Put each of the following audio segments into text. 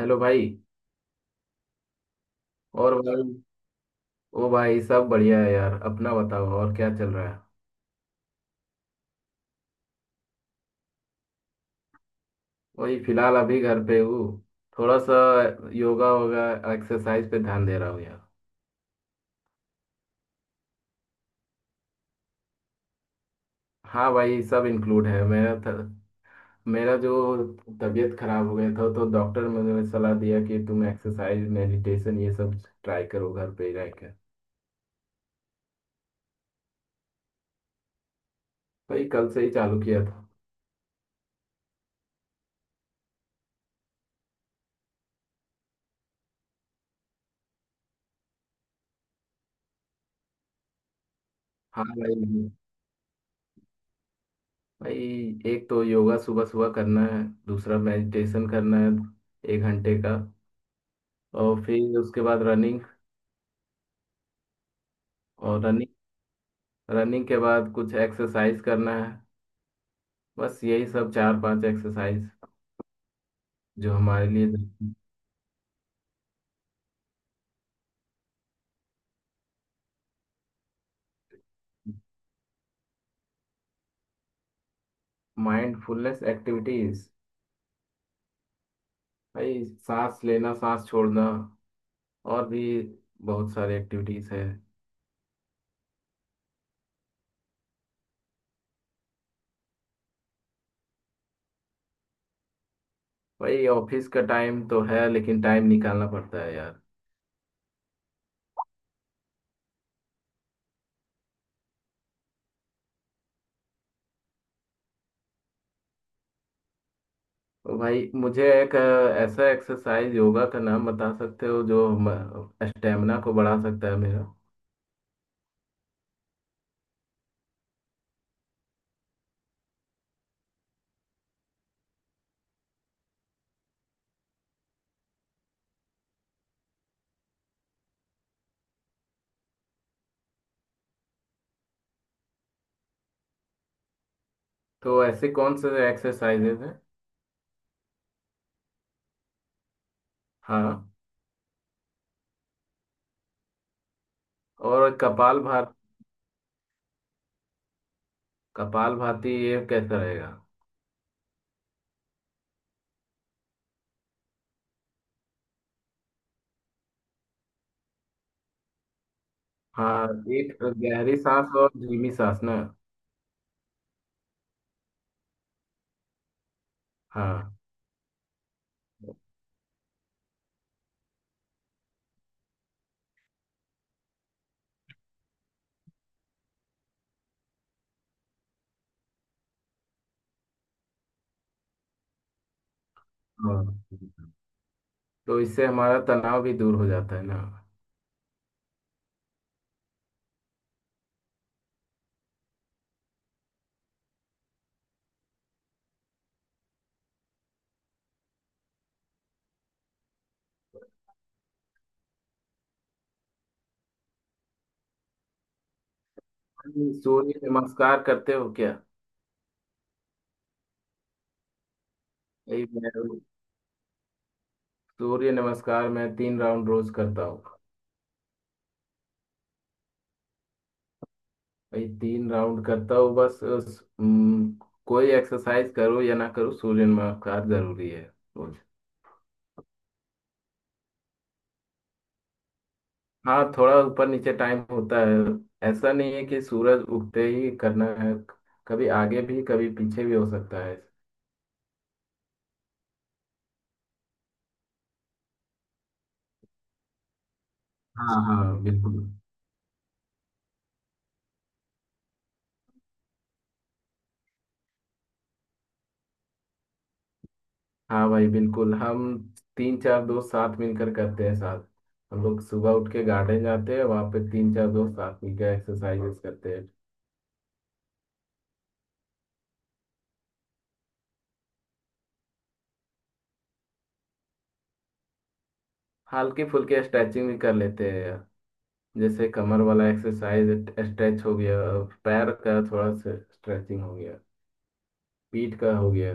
Hello भाई। और भाई ओ भाई सब बढ़िया है यार, अपना बताओ और क्या चल रहा है। वही फिलहाल अभी घर पे हूँ, थोड़ा सा योगा वोगा एक्सरसाइज पे ध्यान दे रहा हूँ यार। हाँ भाई सब इंक्लूड है। मेरा जो तबीयत खराब हो गया था तो डॉक्टर ने मुझे सलाह दिया कि तुम एक्सरसाइज मेडिटेशन ये सब ट्राई करो घर पे ही रहकर। भाई कल से ही चालू किया था। हाँ भाई नहीं। भाई एक तो योगा सुबह सुबह करना है, दूसरा मेडिटेशन करना है 1 घंटे का। और फिर उसके बाद रनिंग। और रनिंग रनिंग के बाद कुछ एक्सरसाइज करना है, बस यही सब चार पांच एक्सरसाइज जो हमारे लिए। माइंडफुलनेस एक्टिविटीज, भाई सांस लेना सांस छोड़ना और भी बहुत सारे एक्टिविटीज है। भाई ऑफिस का टाइम तो है लेकिन टाइम निकालना पड़ता है यार। तो भाई मुझे एक ऐसा एक्सरसाइज योगा का नाम बता सकते हो जो स्टेमिना को बढ़ा सकता है मेरा। तो ऐसे कौन से एक्सरसाइजेज हैं। हाँ। और कपाल भात। कपाल भाती ये कैसा रहेगा। हाँ, एक गहरी सांस और धीमी सांस ना। हाँ, हाँ। तो इससे हमारा तनाव भी दूर हो जाता है ना। सूर्य नमस्कार करते हो क्या। यही मैं सूर्य नमस्कार मैं तीन राउंड रोज करता हूँ। भाई तीन राउंड करता हूँ बस कोई एक्सरसाइज करो या ना करो सूर्य नमस्कार जरूरी है रोज। हाँ, थोड़ा ऊपर नीचे टाइम होता है, ऐसा नहीं है कि सूरज उगते ही करना है, कभी आगे भी कभी पीछे भी हो सकता है। हाँ हाँ हाँ बिल्कुल। हाँ भाई बिल्कुल, हम तीन चार दोस्त साथ मिलकर करते हैं साथ, हम लोग सुबह उठ के गार्डन जाते हैं वहाँ पे तीन चार दोस्त साथ मिलकर एक्सरसाइजेस करते हैं। हल्की फुल्की स्ट्रेचिंग भी कर लेते हैं, जैसे कमर वाला एक्सरसाइज स्ट्रेच हो गया, पैर का थोड़ा स्ट्रेचिंग हो गया, पीठ का हो गया।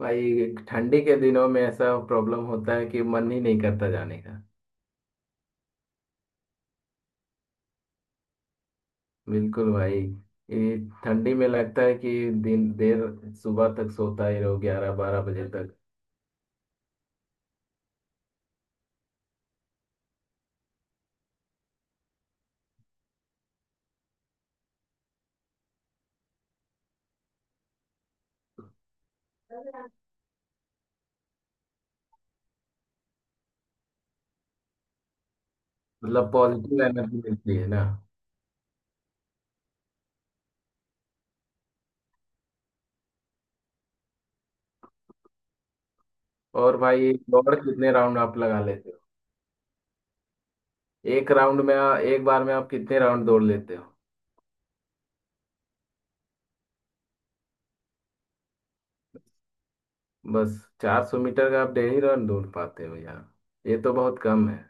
भाई ठंडी के दिनों में ऐसा प्रॉब्लम होता है कि मन ही नहीं करता जाने का। बिल्कुल भाई, ये ठंडी में लगता है कि दिन देर सुबह तक सोता ही रहो 11 12 बजे तक। मतलब पॉजिटिव एनर्जी मिलती है ना। और भाई दौड़ कितने राउंड आप लगा लेते हो। एक बार में आप कितने राउंड दौड़ लेते हो। बस 400 मीटर का आप डेली राउंड दौड़ पाते हो यार, ये तो बहुत कम है।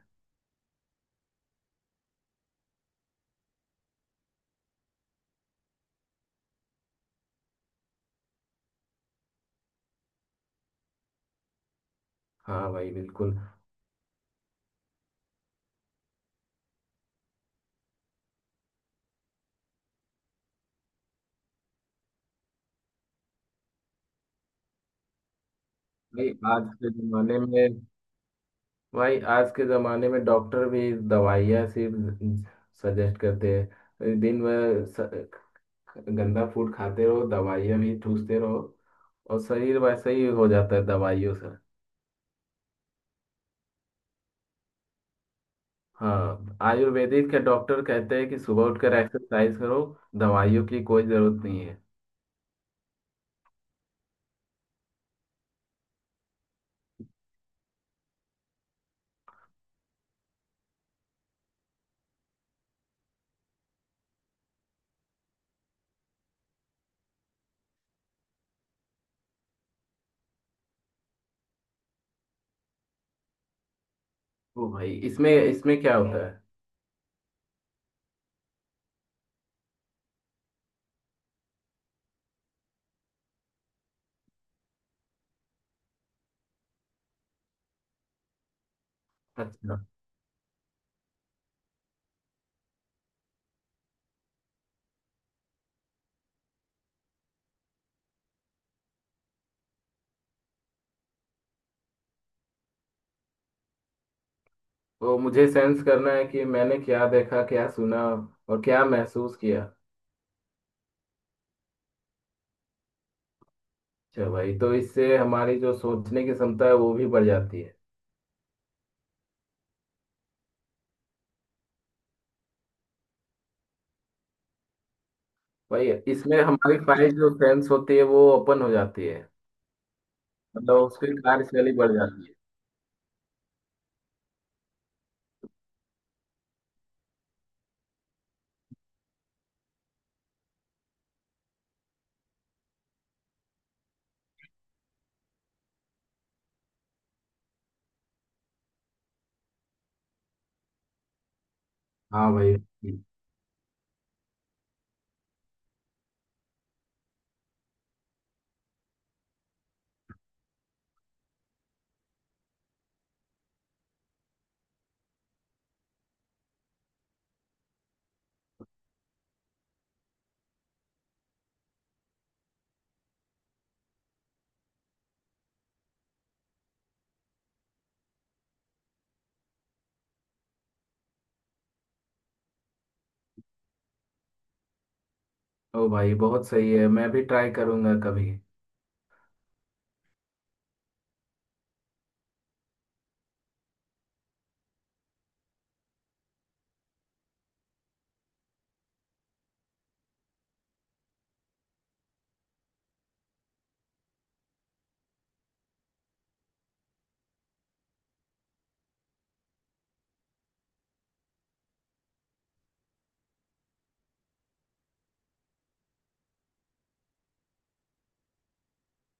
हाँ भाई बिल्कुल। भाई आज के जमाने में, भाई आज के ज़माने में डॉक्टर भी दवाइयाँ सिर्फ सजेस्ट करते हैं, गंदा फूड खाते रहो दवाइयाँ भी ठूसते रहो, और शरीर वैसे ही हो जाता है दवाइयों से। हाँ, आयुर्वेदिक के डॉक्टर कहते हैं कि सुबह उठकर एक्सरसाइज करो, दवाइयों की कोई ज़रूरत नहीं है। ओ भाई इसमें इसमें क्या होता है। अच्छा, तो मुझे सेंस करना है कि मैंने क्या देखा क्या सुना और क्या महसूस किया। अच्छा भाई तो इससे हमारी जो सोचने की क्षमता है वो भी बढ़ जाती है। वही है, इसमें हमारी फाइल जो फ्रेंड्स होती है वो ओपन हो जाती है, मतलब उसकी कार्यशैली बढ़ जाती है। हाँ भाई। ओ भाई बहुत सही है, मैं भी ट्राई करूंगा कभी।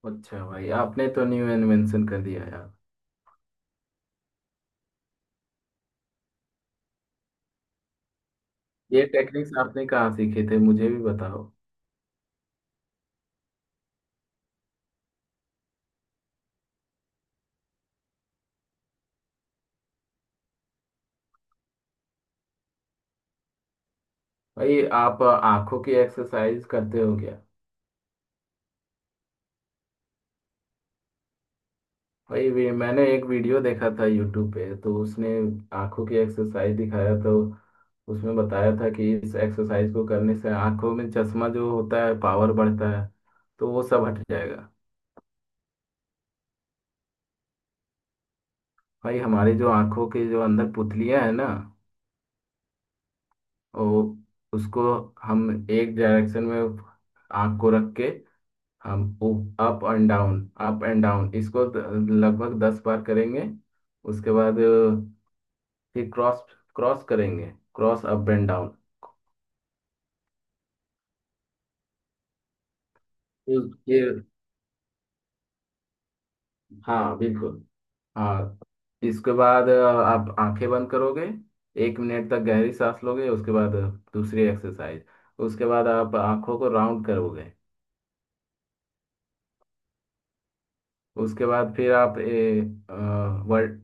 अच्छा भाई आपने तो न्यू इन्वेंशन कर दिया यार। ये टेक्निक्स आपने कहाँ सीखे थे, मुझे भी बताओ। भाई आप आंखों की एक्सरसाइज करते हो क्या। मैंने एक वीडियो देखा था यूट्यूब पे, तो उसने आंखों की एक्सरसाइज दिखाया, तो उसमें बताया था कि इस एक्सरसाइज को करने से आंखों में चश्मा जो होता है पावर बढ़ता है, तो वो सब हट जाएगा। भाई हमारी जो आंखों के जो अंदर पुतलियां है ना, वो उसको हम एक डायरेक्शन में आंख को रख के हम up and down up and down लगभग दस बार करेंगे। उसके बाद फिर क्रॉस क्रॉस करेंगे, क्रॉस अप एंड डाउन। ये, हाँ बिल्कुल। हाँ, इसके बाद आप आंखें बंद करोगे 1 मिनट तक गहरी सांस लोगे। उसके बाद दूसरी एक्सरसाइज, उसके बाद आप आंखों को राउंड करोगे। उसके बाद फिर आप अ, वर्ड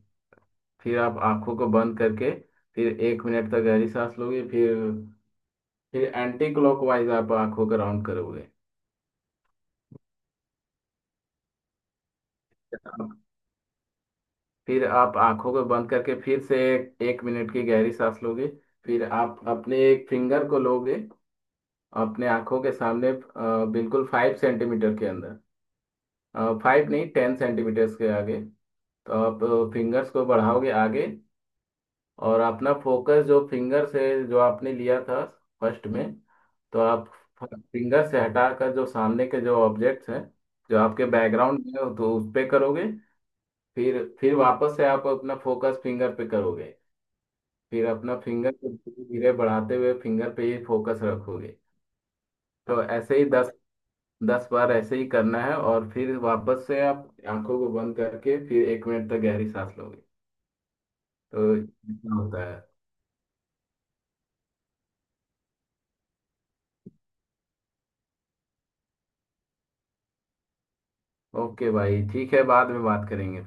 आंखों को बंद करके फिर 1 मिनट तक गहरी सांस लोगे, फिर एंटी क्लॉकवाइज आप आंखों को राउंड करोगे। फिर आप आंखों को बंद करके फिर से 1 मिनट की गहरी सांस लोगे। फिर आप अपने एक फिंगर को लोगे, अपने आंखों के सामने बिल्कुल 5 सेंटीमीटर के अंदर, 5 नहीं 10 सेंटीमीटर्स के आगे। तो आप फिंगर्स को बढ़ाओगे आगे, और अपना फोकस जो फिंगर से जो आपने लिया था फर्स्ट में। तो आप फिंगर से हटाकर जो सामने के जो ऑब्जेक्ट्स हैं, जो आपके बैकग्राउंड में हो तो उस पे करोगे। फिर वापस से आप अपना फोकस फिंगर पे करोगे, फिर अपना फिंगर को धीरे धीरे बढ़ाते हुए फिंगर पे ही फोकस रखोगे। तो ऐसे ही दस दस बार ऐसे ही करना है, और फिर वापस से आप आंखों को बंद करके फिर एक मिनट तक गहरी सांस लोगे। तो इतना होता है। ओके भाई ठीक है, बाद में बात करेंगे।